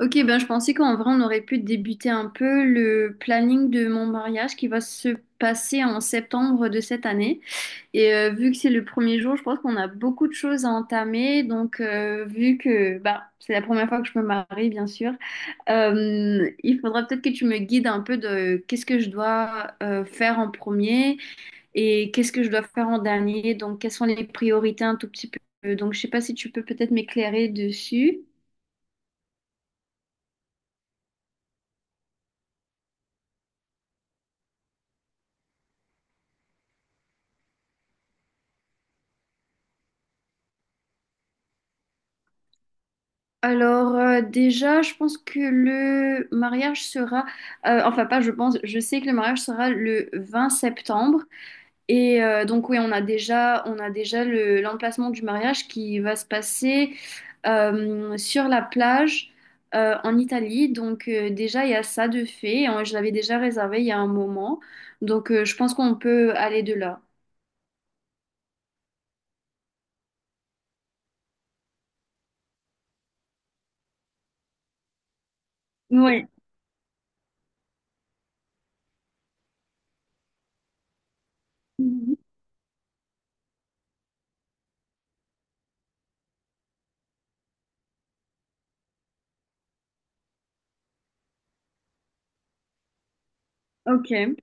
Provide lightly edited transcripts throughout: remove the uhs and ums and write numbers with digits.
Ok, ben je pensais qu'en vrai on aurait pu débuter un peu le planning de mon mariage qui va se passer en septembre de cette année. Et vu que c'est le premier jour, je pense qu'on a beaucoup de choses à entamer. Donc vu que c'est la première fois que je me marie, bien sûr, il faudra peut-être que tu me guides un peu de qu'est-ce que je dois faire en premier et qu'est-ce que je dois faire en dernier. Donc quelles sont les priorités un tout petit peu. Donc je sais pas si tu peux peut-être m'éclairer dessus. Alors déjà, je pense que le mariage sera, enfin pas je pense, je sais que le mariage sera le 20 septembre et donc oui, on a déjà l'emplacement du mariage qui va se passer sur la plage en Italie. Donc déjà, il y a ça de fait. Hein, je l'avais déjà réservé il y a un moment, donc je pense qu'on peut aller de là. Oui. Mhm. Ok.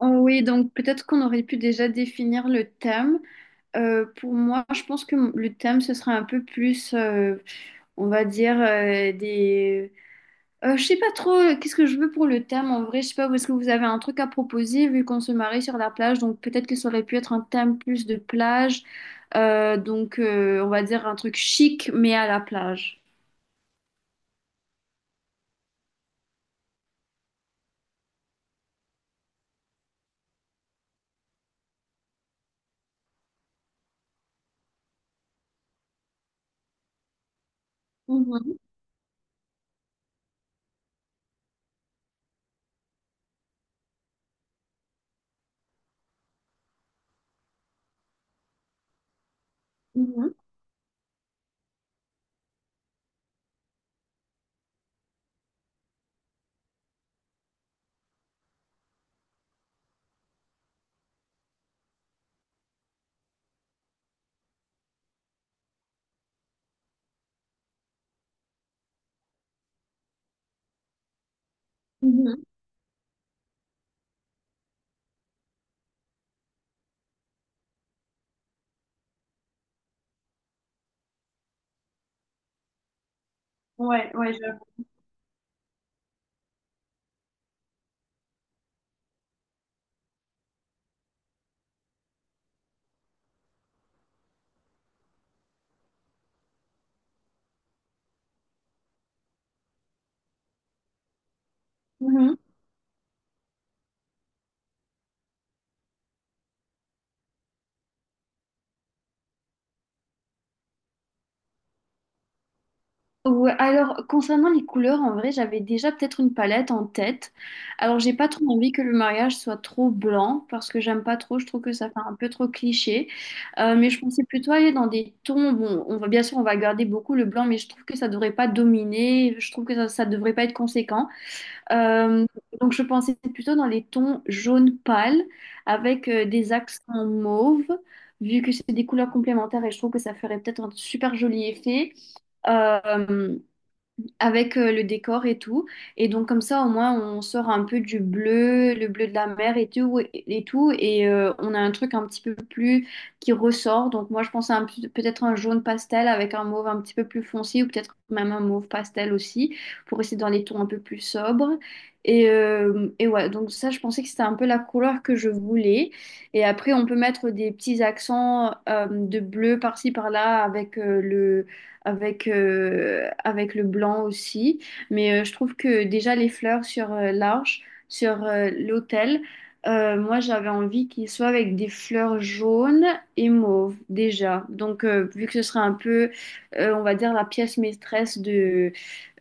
Oh oui, donc peut-être qu'on aurait pu déjà définir le thème. Pour moi, je pense que le thème, ce sera un peu plus, on va dire, des... Je sais pas trop qu'est-ce que je veux pour le thème en vrai. Je sais pas, est-ce que vous avez un truc à proposer vu qu'on se marie sur la plage? Donc peut-être que ça aurait pu être un thème plus de plage. Donc on va dire un truc chic mais à la plage. Mhm, mhm, mhm. Ouais, ouais, j'avoue. Ouais, alors concernant les couleurs, en vrai, j'avais déjà peut-être une palette en tête. Alors j'ai pas trop envie que le mariage soit trop blanc parce que j'aime pas trop, je trouve que ça fait un peu trop cliché. Mais je pensais plutôt aller dans des tons. Bon, on va bien sûr on va garder beaucoup le blanc, mais je trouve que ça devrait pas dominer. Je trouve que ça devrait pas être conséquent. Euh, donc je pensais plutôt dans les tons jaune pâle avec des accents mauve, vu que c'est des couleurs complémentaires et je trouve que ça ferait peut-être un super joli effet. Euh, Avec le décor et tout. Et donc comme ça, au moins, on sort un peu du bleu, le bleu de la mer et tout, et tout, et on a un truc un petit peu plus qui ressort. Donc moi, je pense à un peut-être un jaune pastel avec un mauve un petit peu plus foncé, ou peut-être même un mauve pastel aussi, pour rester dans les tons un peu plus sobres. Et ouais, donc ça, je pensais que c'était un peu la couleur que je voulais. Et après, on peut mettre des petits accents de bleu par-ci, par-là avec le avec, avec le blanc aussi. Mais je trouve que déjà les fleurs sur l'arche, sur l'autel, moi j'avais envie qu'il soit avec des fleurs jaunes et mauves déjà. Donc vu que ce serait un peu, on va dire, la pièce maîtresse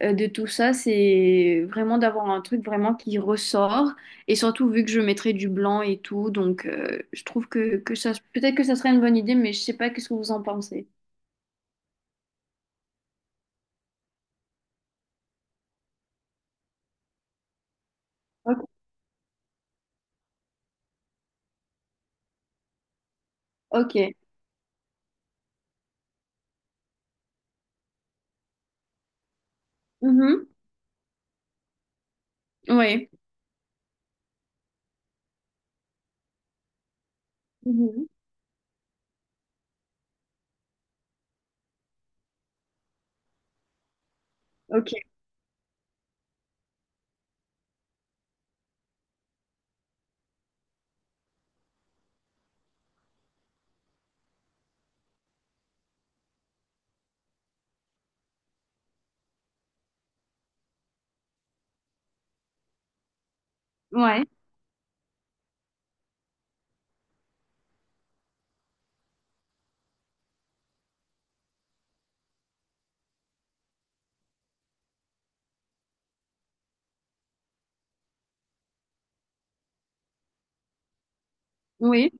de tout ça, c'est vraiment d'avoir un truc vraiment qui ressort. Et surtout vu que je mettrais du blanc et tout, donc je trouve que ça, peut-être que ça serait une bonne idée, mais je sais pas qu'est-ce que vous en pensez. Ok. Ok. Mhm. Ouais. Mhm. Ok. Ouais. Oui.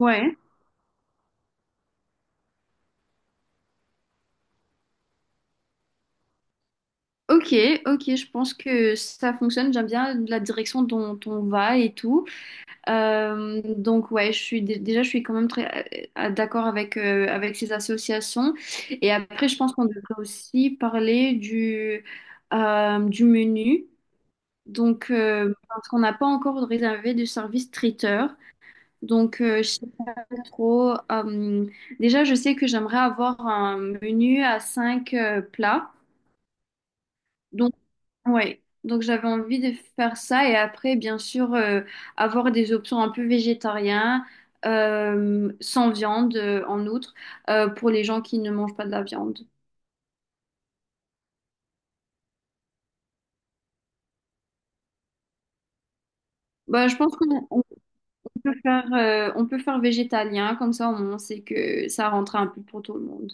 Ouais. Ok. Ok. Je pense que ça fonctionne. J'aime bien la direction dont on va et tout. Donc ouais, je suis déjà, je suis quand même très d'accord avec avec ces associations. Et après, je pense qu'on devrait aussi parler du menu. Donc parce qu'on n'a pas encore réservé de service traiteur. Donc trop. Déjà, je sais que j'aimerais avoir un menu à 5 plats. Donc, ouais. Donc, j'avais envie de faire ça. Et après, bien sûr, avoir des options un peu végétariennes, sans viande, en outre, pour les gens qui ne mangent pas de la viande. Bah, je pense qu'on on peut faire végétalien, comme ça, au moins, c'est que ça rentre un peu pour tout le monde.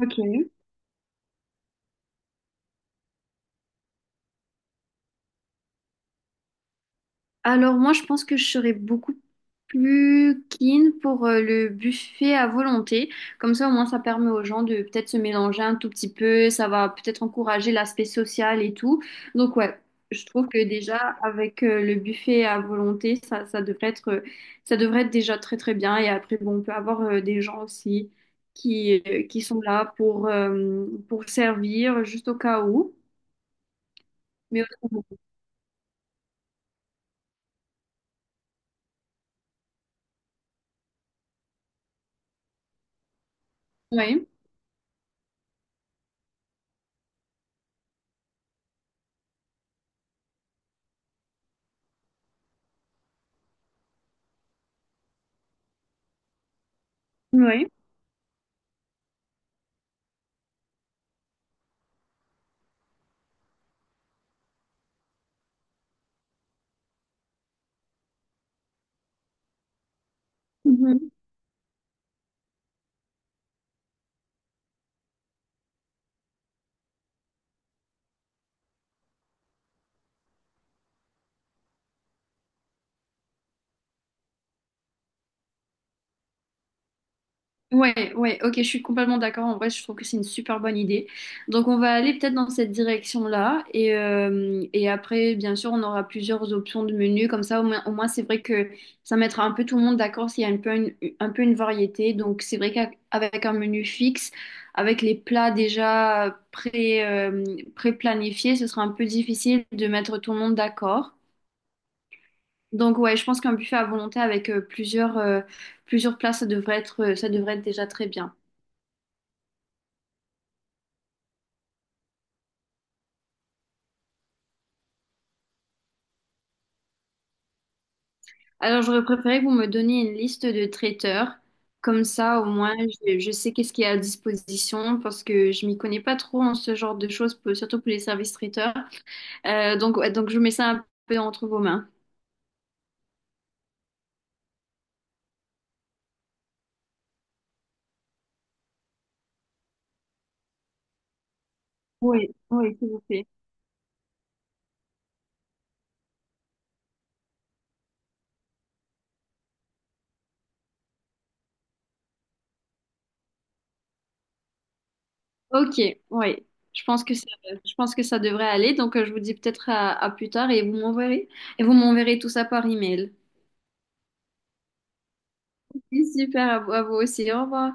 Ok. Alors moi, je pense que je serais beaucoup plus keen pour le buffet à volonté. Comme ça, au moins, ça permet aux gens de peut-être se mélanger un tout petit peu. Ça va peut-être encourager l'aspect social et tout. Donc ouais, je trouve que déjà avec le buffet à volonté, ça devrait être déjà très très bien. Et après, bon, on peut avoir des gens aussi qui sont là pour servir juste au cas où. Mais autrement, oui, oui. Ouais, ouais, ok, je suis complètement d'accord. En vrai, je trouve que c'est une super bonne idée. Donc, on va aller peut-être dans cette direction-là. Et après, bien sûr, on aura plusieurs options de menus. Comme ça, au moins, c'est vrai que ça mettra un peu tout le monde d'accord s'il y a un peu une variété. Donc, c'est vrai qu'avec un menu fixe, avec les plats pré-planifiés, ce sera un peu difficile de mettre tout le monde d'accord. Donc, ouais, je pense qu'un buffet à volonté avec plusieurs, plusieurs plats, ça devrait être déjà très bien. Alors, j'aurais préféré que vous me donniez une liste de traiteurs. Comme ça, au moins, je sais qu'est-ce qui est à disposition parce que je m'y connais pas trop en ce genre de choses, pour- surtout pour les services traiteurs. Donc, ouais, donc, je mets ça un peu entre vos mains. Oui, oui, s'il vous plaît. Ok, oui. Je pense que ça, je pense que ça devrait aller. Donc, je vous dis peut-être à plus tard et vous m'enverrez tout ça par email. Oui, super, à vous aussi. Au revoir.